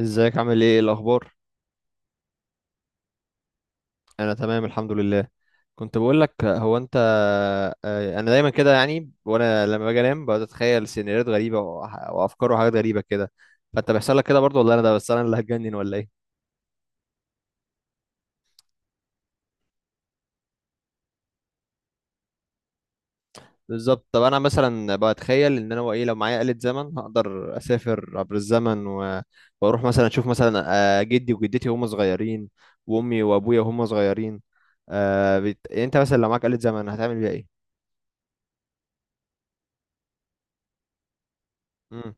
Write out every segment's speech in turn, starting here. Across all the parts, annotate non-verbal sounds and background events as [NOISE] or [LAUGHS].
ازيك، عامل ايه؟ إيه الاخبار؟ انا تمام، الحمد لله. كنت بقول لك، هو انت... انا دايما كده يعني، وانا لما باجي انام بقعد اتخيل سيناريوهات غريبه وافكار وحاجات غريبه كده. فانت بيحصل لك كده برضه، ولا انا ده؟ بس انا اللي هتجنن ولا ايه؟ بالظبط. طب انا مثلا بتخيل ان انا ايه، لو معايا آلة زمن هقدر اسافر عبر الزمن و... واروح مثلا اشوف مثلا جدي وجدتي وهم صغيرين، وامي وابويا وهم صغيرين. انت مثلا لو معاك آلة زمن هتعمل بيها ايه؟ مم.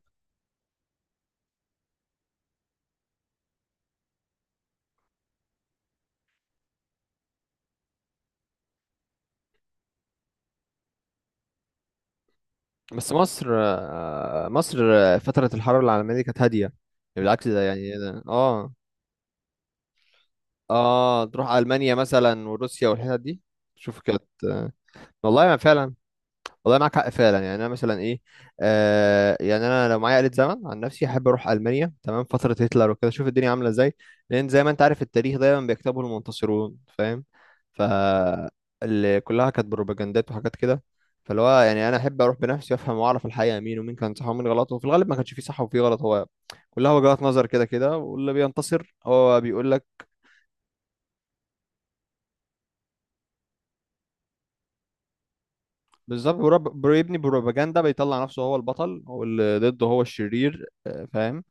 بس مصر فترة الحرب العالمية دي كانت هادية يعني، بالعكس. ده يعني إيه ده؟ اه. اه، تروح ألمانيا مثلا وروسيا والحتت دي. شوف، كانت والله ما فعلا. والله معاك حق فعلا. يعني انا مثلا ايه، يعني انا لو معايا آلة زمن، عن نفسي احب اروح المانيا تمام فترة هتلر وكده اشوف الدنيا عاملة ازاي. لان زي ما انت عارف، التاريخ دايما بيكتبه المنتصرون فاهم. ف اللي كلها كانت بروباجندات وحاجات كده. فاللي هو يعني، انا احب اروح بنفسي وافهم واعرف الحقيقة مين ومين كان صح ومين غلط، وفي الغالب ما كانش فيه صح وفيه غلط. هو كلها وجهات نظر كده كده، واللي بينتصر هو بيقول لك. بالظبط. بيبني بروباجندا، بيطلع نفسه هو البطل، هو اللي ضده هو الشرير فاهم.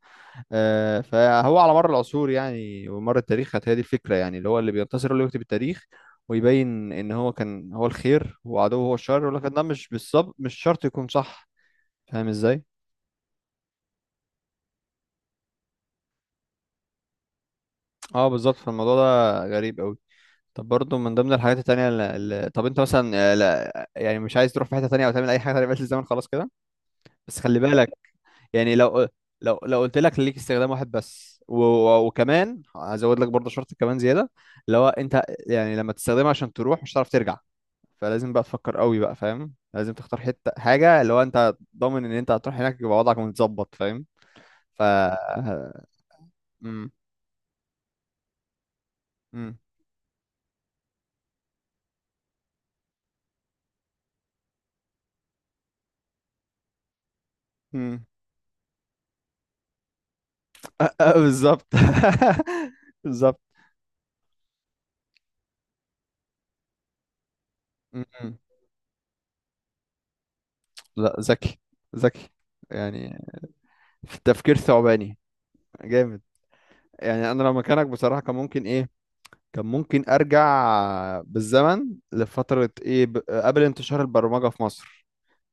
فهو على مر العصور يعني ومر التاريخ كانت هي دي الفكرة، يعني اللي هو اللي بينتصر هو اللي يكتب التاريخ. ويبين ان هو كان هو الخير، وعدوه هو الشر. يقول لك ده مش بالظبط، مش شرط يكون صح. فاهم ازاي؟ اه بالظبط. فالموضوع ده غريب قوي. طب برضه من ضمن الحاجات التانية طب انت مثلا لا يعني مش عايز تروح في حتة تانية او تعمل اي حاجة تانية، بس الزمن خلاص كده؟ بس خلي بالك، يعني لو لو قلت لك ليك استخدام واحد بس وكمان هزود لك برضه شرط كمان زياده. اللي هو، انت يعني لما تستخدمها عشان تروح مش هتعرف ترجع. فلازم بقى تفكر قوي بقى فاهم، لازم تختار حته حاجه اللي هو انت ضامن ان انت هتروح هناك يبقى وضعك متظبط فاهم. ف امم امم امم [LAUGHS] بالظبط. [LAUGHS] بالظبط. امم لا، ذكي. ذكي يعني. في التفكير ثعباني. جامد. يعني انا لو مكانك بصراحه كان ممكن ايه، كان ممكن ارجع بالزمن لفتره ايه، قبل انتشار البرمجه في مصر.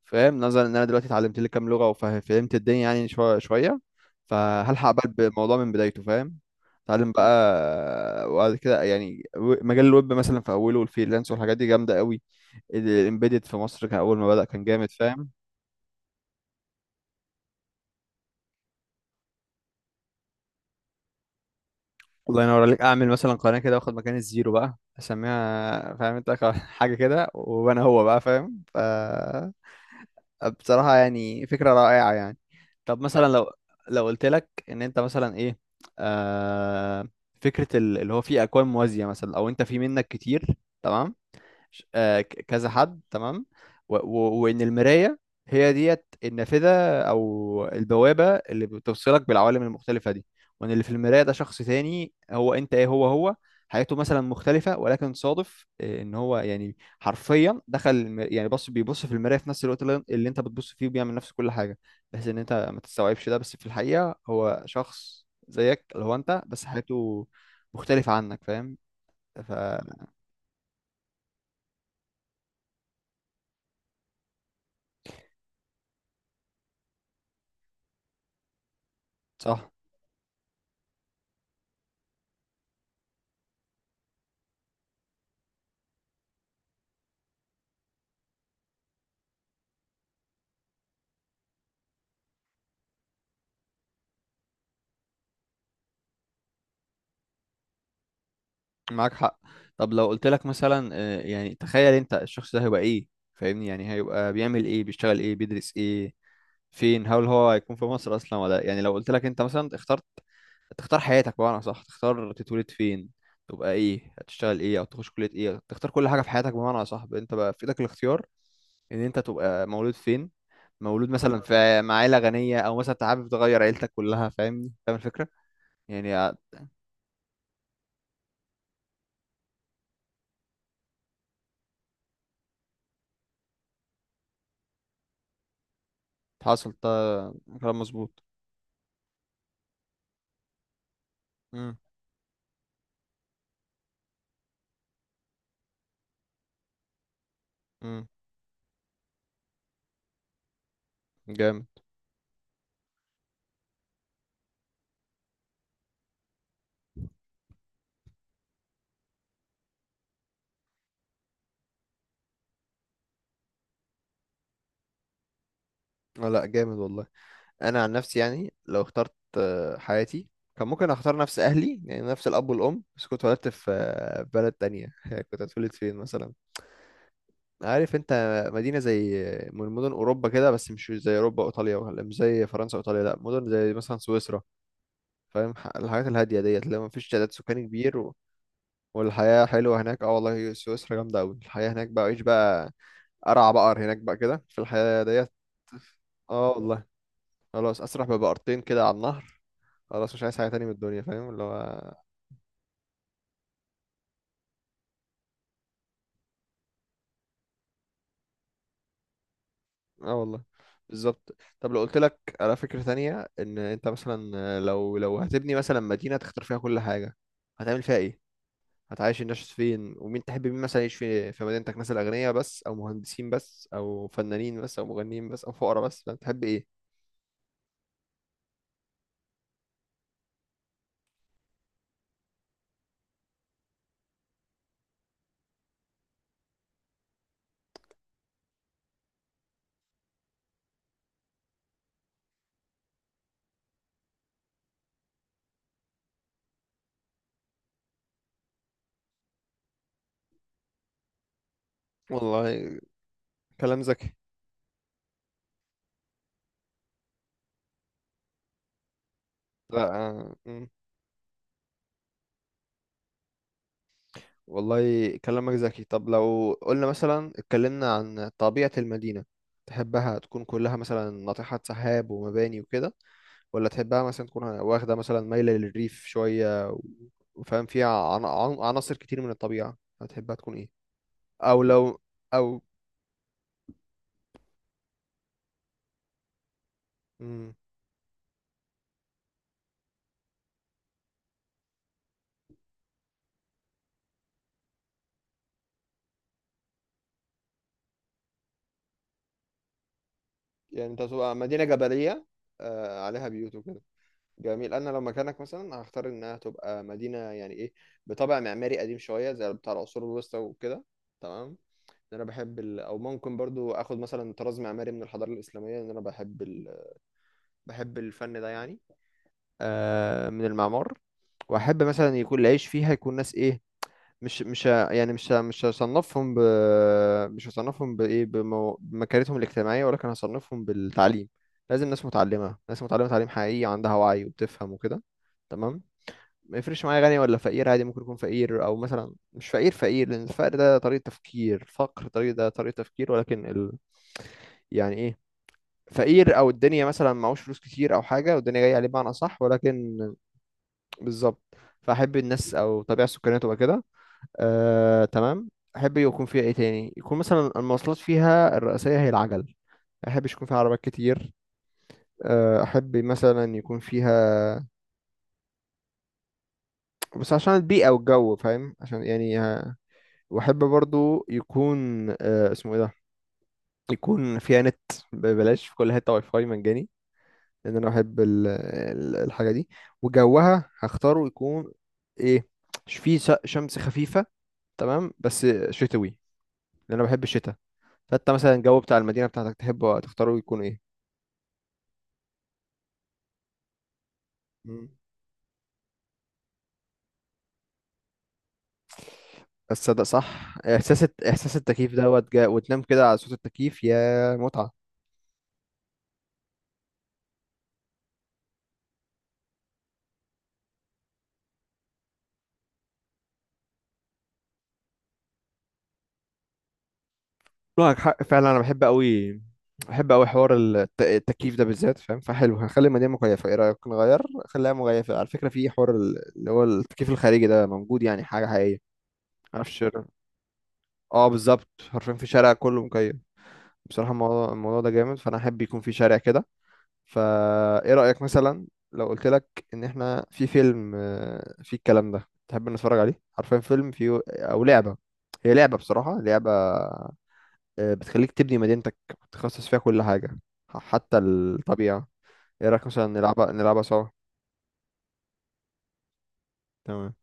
فاهم، نظرا ان انا دلوقتي اتعلمت لي كام لغه وفهمت الدنيا يعني شويه شويه. فهلحق بقى بالموضوع من بدايته فاهم. اتعلم بقى وبعد كده يعني، مجال الويب مثلا في اوله والفريلانس والحاجات دي جامده قوي. الامبيدد في مصر كان اول ما بدأ كان جامد فاهم. الله ينور عليك. اعمل مثلا قناه كده واخد مكان الزيرو بقى اسميها فاهم انت [LAUGHS] حاجه كده وانا هو بقى فاهم. ف بصراحة يعني فكرة رائعة يعني. طب مثلا لو قلت لك ان انت مثلا ايه، آه فكرة اللي هو فيه اكوان موازية مثلا، او انت في منك كتير، تمام، كذا حد تمام، وان المرايه هي ديت النافذه، او البوابه اللي بتوصلك بالعوالم المختلفه دي. وان اللي في المرايه ده شخص تاني هو انت ايه، هو هو حياته مثلا مختلفه، ولكن صادف ان هو يعني حرفيا دخل يعني بص بيبص في المرايه في نفس الوقت اللي انت بتبص فيه، وبيعمل نفس كل حاجه. بحيث ان انت ما تستوعبش ده، بس في الحقيقه هو شخص زيك اللي هو انت، بس حياته مختلفه عنك فاهم. ف صح. معاك حق. طب لو قلت لك مثلا يعني تخيل انت الشخص ده هيبقى ايه، فاهمني، يعني هيبقى بيعمل ايه، بيشتغل ايه، بيدرس ايه، فين، هل هو هيكون في مصر اصلا ولا؟ يعني لو قلت لك انت مثلا اخترت تختار حياتك بمعنى صح، تختار تتولد فين، تبقى ايه، هتشتغل ايه، او تخش كلية ايه، تختار كل حاجة في حياتك بمعنى صح، انت بقى في ايدك الاختيار. ان انت تبقى مولود فين، مولود مثلا في مع عيلة غنية، او مثلا انت حابب تغير عيلتك كلها فاهمني، فاهم الفكرة. يعني حاصل ده. كلام مظبوط. مم. مم. جامد. لا جامد والله. انا عن نفسي يعني لو اخترت حياتي كان ممكن اختار نفس اهلي يعني نفس الاب والام، بس كنت اتولدت في بلد تانية. [LAUGHS] كنت هتولد فين مثلا؟ عارف انت، مدينه زي من مدن اوروبا كده، بس مش زي اوروبا وايطاليا، ولا مش زي فرنسا وايطاليا، لا مدن زي مثلا سويسرا. فاهم، الحاجات الهاديه ديت اللي ما فيش تعداد سكاني كبير و... والحياه حلوه هناك. اه والله سويسرا جامده قوي. الحياه هناك بقى، عيش بقى. ارعى بقر هناك بقى كده في الحياه ديت. اه والله. خلاص اسرح ببقرتين كده على النهر. خلاص مش عايز حاجة تانية من الدنيا فاهم اللي هو. اه والله. بالظبط. طب لو قلت لك على فكرة تانية، ان انت مثلا لو هتبني مثلا مدينة تختار فيها كل حاجة، هتعمل فيها ايه؟ هتعيش الناس فين؟ ومين تحب مين مثلا يعيش في مدينتك؟ مثلا اغنياء بس، او مهندسين بس، او فنانين بس، او مغنيين بس، او فقراء بس، فانت تحب ايه؟ والله كلام ذكي. لا آه، والله كلامك ذكي. طب لو قلنا مثلا اتكلمنا عن طبيعة المدينة، تحبها تكون كلها مثلا ناطحات سحاب ومباني وكده، ولا تحبها مثلا تكون واخدة مثلا مايلة للريف شوية وفاهم فيها عناصر كتير من الطبيعة. هتحبها تكون ايه؟ او لو او مم. يعني انت تبقى مدينة جبلية عليها بيوت وكده. جميل. انا لو مكانك مثلا هختار انها تبقى مدينة يعني ايه، بطابع معماري قديم شوية زي بتاع العصور الوسطى وكده. تمام. انا بحب او ممكن برضو اخد مثلا طراز معماري من الحضاره الاسلاميه، ان انا بحب بحب الفن ده يعني. آه من المعمار. واحب مثلا يكون العيش فيها، يكون ناس ايه، مش يعني مش هصنفهم مش هصنفهم بايه، بمكانتهم الاجتماعيه، ولكن هصنفهم بالتعليم. لازم ناس متعلمه، ناس متعلمه تعليم حقيقي، عندها وعي وبتفهم وكده. تمام. ما يفرقش معايا غني ولا فقير، عادي ممكن يكون فقير، او مثلا مش فقير فقير، لان الفقر ده طريقه تفكير، الفقر طريقه، ده طريقه تفكير، ولكن ال... يعني ايه، فقير او الدنيا مثلا معهوش فلوس كتير او حاجه والدنيا جايه عليه بمعنى صح، ولكن بالظبط. فاحب الناس او الطبيعه السكانيه تبقى كده. آه تمام. احب يكون فيها ايه تاني، يكون مثلا المواصلات فيها الرئيسيه هي العجل. ما احبش يكون فيها عربيات كتير. احب مثلا يكون فيها، بس عشان البيئه والجو فاهم، عشان يعني واحب برضو يكون اسمه ايه ده، يكون فيها نت ببلاش في كل حته، واي فاي مجاني، لان انا بحب الحاجه دي. وجوها هختاره يكون ايه؟ فيه شمس خفيفه تمام بس شتوي، لان انا بحب الشتاء. فانت مثلا الجو بتاع المدينه بتاعتك تحبه تختاره يكون ايه؟ مم. بس صدق صح احساس احساس التكييف دوت جا وتنام كده على صوت التكييف، يا متعه. معك حق فعلا. انا بحب قوي، بحب قوي حوار التكييف ده بالذات فاهم. فحلو هنخلي المدينه مكيفه، ايه رايك نغير، خليها مكيفه. على فكره في حوار اللي هو التكييف الخارجي ده موجود، يعني حاجه حقيقيه. أنا في الشارع، اه بالظبط حرفيا في شارع كله مكيف. بصراحة الموضوع، الموضوع ده جامد، فأنا أحب يكون في شارع كده. فا إيه رأيك مثلا لو قلت لك إن إحنا في فيلم فيه الكلام ده، تحب نتفرج عليه حرفيا فيلم فيه أو لعبة؟ هي لعبة بصراحة، لعبة بتخليك تبني مدينتك، تخصص فيها كل حاجة، حتى الطبيعة. إيه رأيك مثلا نلعبها، نلعبها سوا؟ تمام.